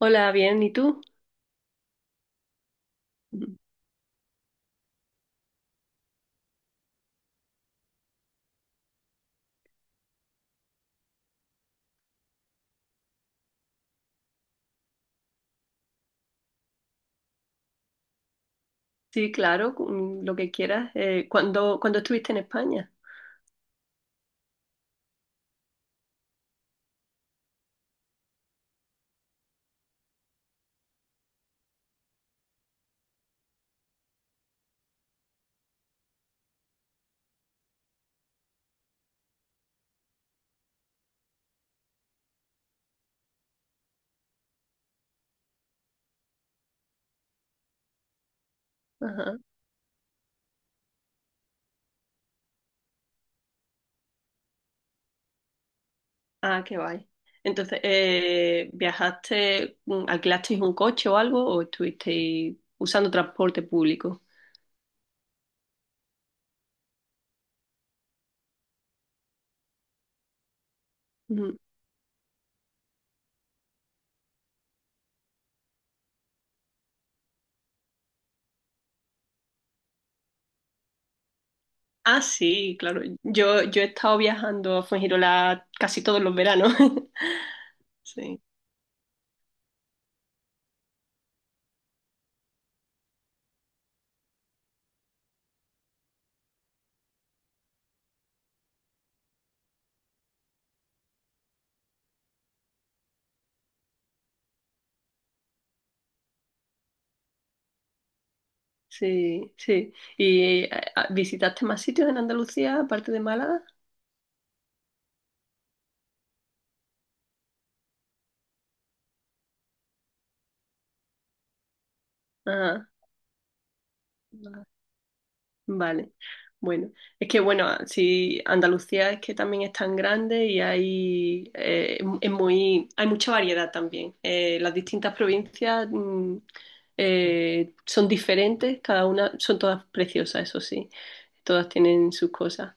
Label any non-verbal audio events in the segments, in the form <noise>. Hola, bien, ¿y tú? Sí, claro, mm, lo que quieras. ¿Cuándo estuviste en España? Ajá. Ah, qué guay. Entonces, ¿viajaste, alquilasteis un coche o algo o estuvisteis usando transporte público? Ujú. Ah, sí, claro. Yo he estado viajando a Fuengirola casi todos los veranos. <laughs> Sí, sí, sí. ¿Y visitaste más sitios en Andalucía aparte de Málaga? Ajá. Vale, bueno, es que si Andalucía es que también es tan grande y hay es muy hay mucha variedad también. Las distintas provincias mm, son diferentes, cada una son todas preciosas, eso sí, todas tienen sus cosas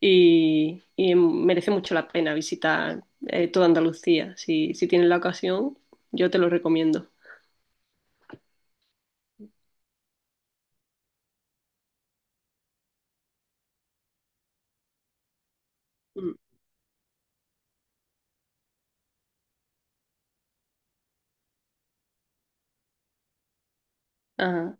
y merece mucho la pena visitar toda Andalucía. Si si tienes la ocasión, yo te lo recomiendo. Mm. Ajá.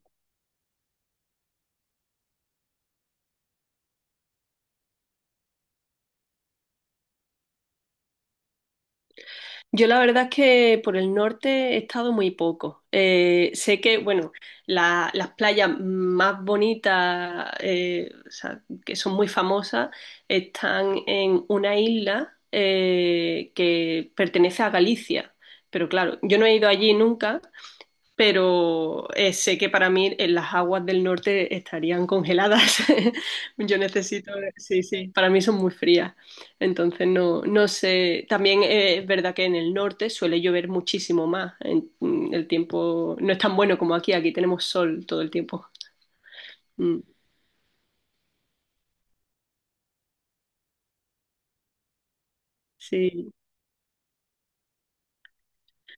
Yo la verdad es que por el norte he estado muy poco. Sé que, bueno, las playas más bonitas, o sea, que son muy famosas, están en una isla que pertenece a Galicia. Pero claro, yo no he ido allí nunca, pero sé que para mí en las aguas del norte estarían congeladas. <laughs> Yo necesito, sí, sí, para mí son muy frías. Entonces no, no sé, también es verdad que en el norte suele llover muchísimo más. El tiempo no es tan bueno como aquí, aquí tenemos sol todo el tiempo. Mm, sí.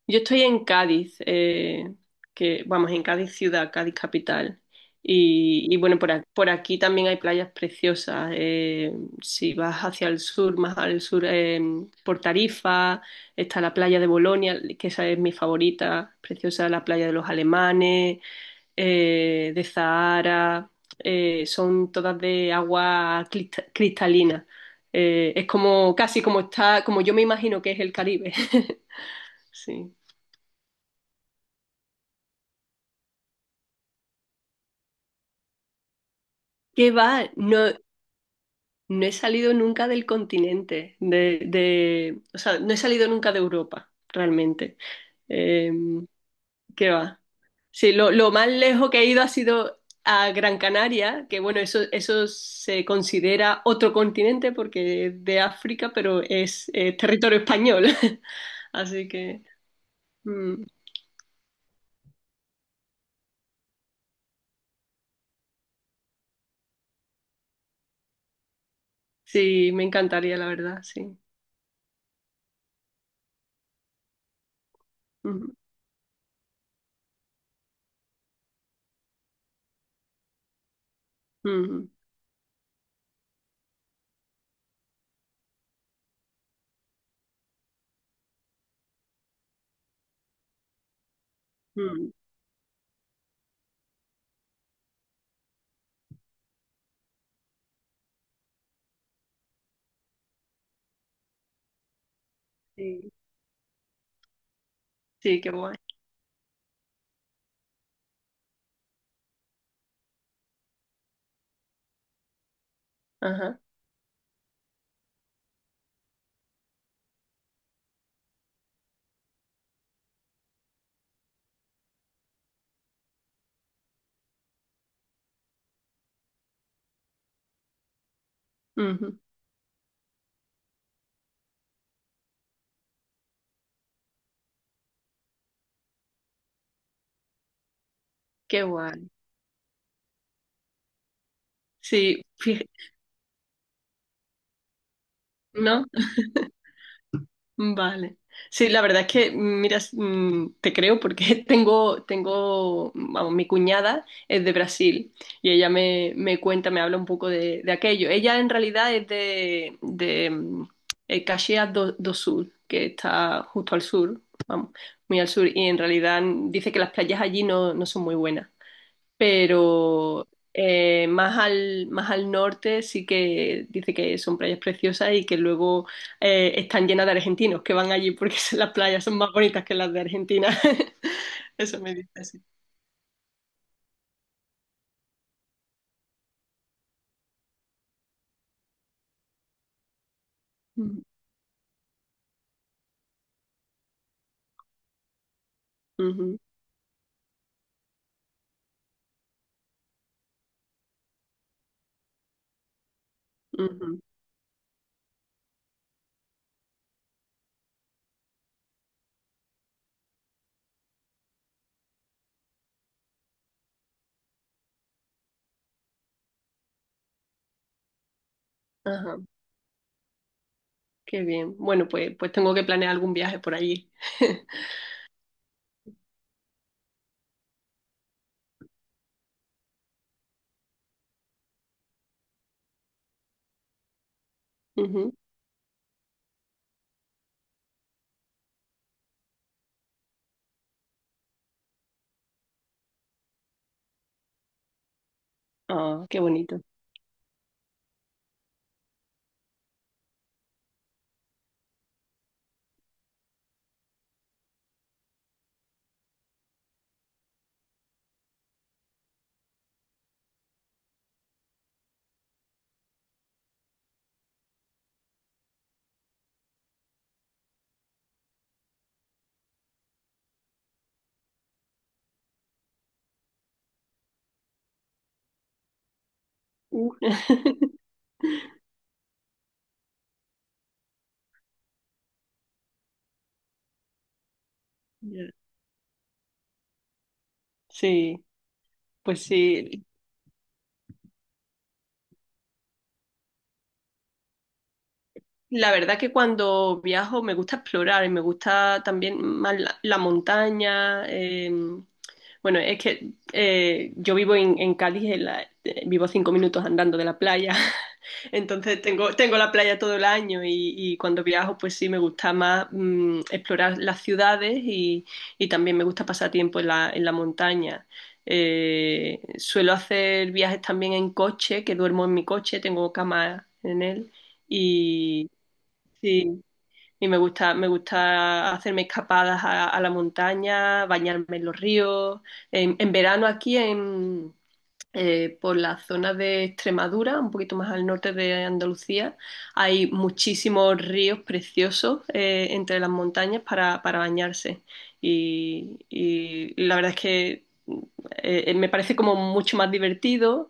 Yo estoy en Cádiz, que vamos, en Cádiz ciudad, Cádiz capital. Y bueno, por aquí también hay playas preciosas. Eh, si vas hacia el sur, más al sur, por Tarifa, está la playa de Bolonia, que esa es mi favorita, preciosa, la playa de los alemanes, de Zahara, son todas de agua cristalina. Es como como yo me imagino que es el Caribe. <laughs> Sí. ¿Qué va? No, no he salido nunca del continente, o sea, no he salido nunca de Europa, realmente. Eh, ¿Qué va? Sí, lo más lejos que he ido ha sido a Gran Canaria, que bueno, eso se considera otro continente porque es de África, pero es territorio español. <laughs> Así que mm, sí, me encantaría, la verdad, sí. Ujú, ujú, ujú, sí, sí, qué guay. Ajá, ujú, qué guay. Sí, fij- ¿No? <laughs> Vale. Sí, la verdad es que, mira, te creo porque <laughs> tengo, mi cuñada es de Brasil y ella me, me cuenta, me habla un poco de aquello. Ella en realidad es de Caxias do, do Sul, que está justo al sur, vamos, muy al sur, y en realidad dice que las playas allí no, no son muy buenas. Pero más al norte sí que dice que son playas preciosas y que luego están llenas de argentinos que van allí porque <laughs> las playas son más bonitas que las de Argentina. <laughs> Eso me dice así. Ujú, ujú, ujú. Ajá, qué bien. Bueno, pues, pues tengo que planear algún viaje por allí. <laughs> Ujú. Ah, qué bonito. Uh. <laughs> Ya. Sí, pues sí. La verdad que cuando viajo me gusta explorar y me gusta también más la, la montaña. Eh, bueno, es que yo vivo en Cádiz, vivo a 5 minutos andando de la playa, <laughs> entonces tengo, tengo la playa todo el año y cuando viajo pues sí me gusta más mm, explorar las ciudades y también me gusta pasar tiempo en la montaña. Suelo hacer viajes también en coche, que duermo en mi coche, tengo cama en él. Sí, y me gusta hacerme escapadas a la montaña, bañarme en los ríos. En verano aquí en, por la zona de Extremadura, un poquito más al norte de Andalucía, hay muchísimos ríos preciosos entre las montañas para bañarse. Y la verdad es que me parece como mucho más divertido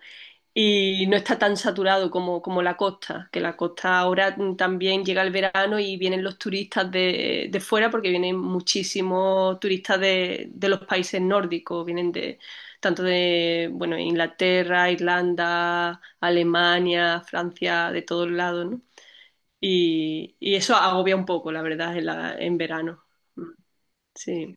y no está tan saturado como, como la costa, que la costa ahora también llega el verano y vienen los turistas de fuera, porque vienen muchísimos turistas de los países nórdicos, vienen de tanto de, bueno, Inglaterra, Irlanda, Alemania, Francia, de todos lados, ¿no? Y eso agobia un poco, la verdad, en verano. Sí.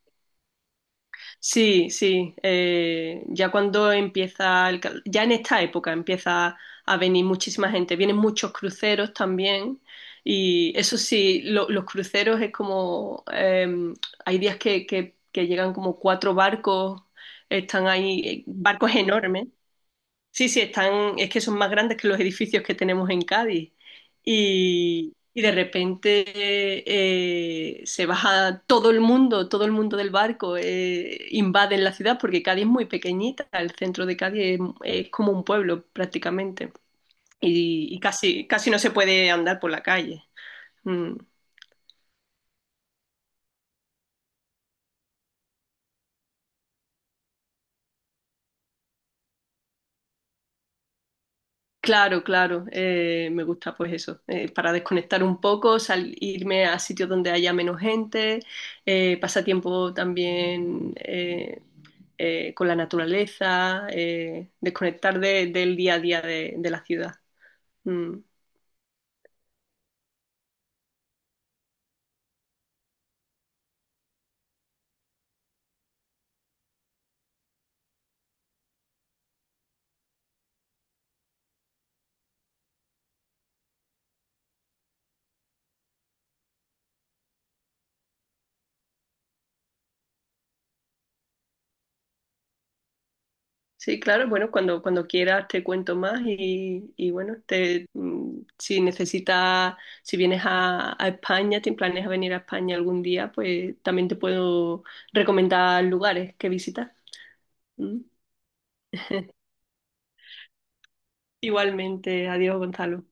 Sí, sí. Eh, ya cuando ya en esta época empieza a venir muchísima gente. Vienen muchos cruceros también. Y eso sí, los cruceros es como hay días que llegan como cuatro barcos, están ahí, barcos enormes. Sí, sí, están, es que son más grandes que los edificios que tenemos en Cádiz. Y de repente se baja todo el mundo del barco, invaden la ciudad, porque Cádiz es muy pequeñita, el centro de Cádiz es como un pueblo prácticamente. Y casi, casi no se puede andar por la calle. Mm. Claro, claro, me gusta pues eso, para desconectar un poco, irme a sitios donde haya menos gente, pasar tiempo también con la naturaleza, desconectar del día a día de la ciudad. Mm. Sí, claro, bueno, cuando, cuando quieras te cuento más y bueno, te, mm, si necesitas, si vienes a España, te planeas venir a España algún día, pues también te puedo recomendar lugares que visitar. Mm. Igualmente, adiós, Gonzalo.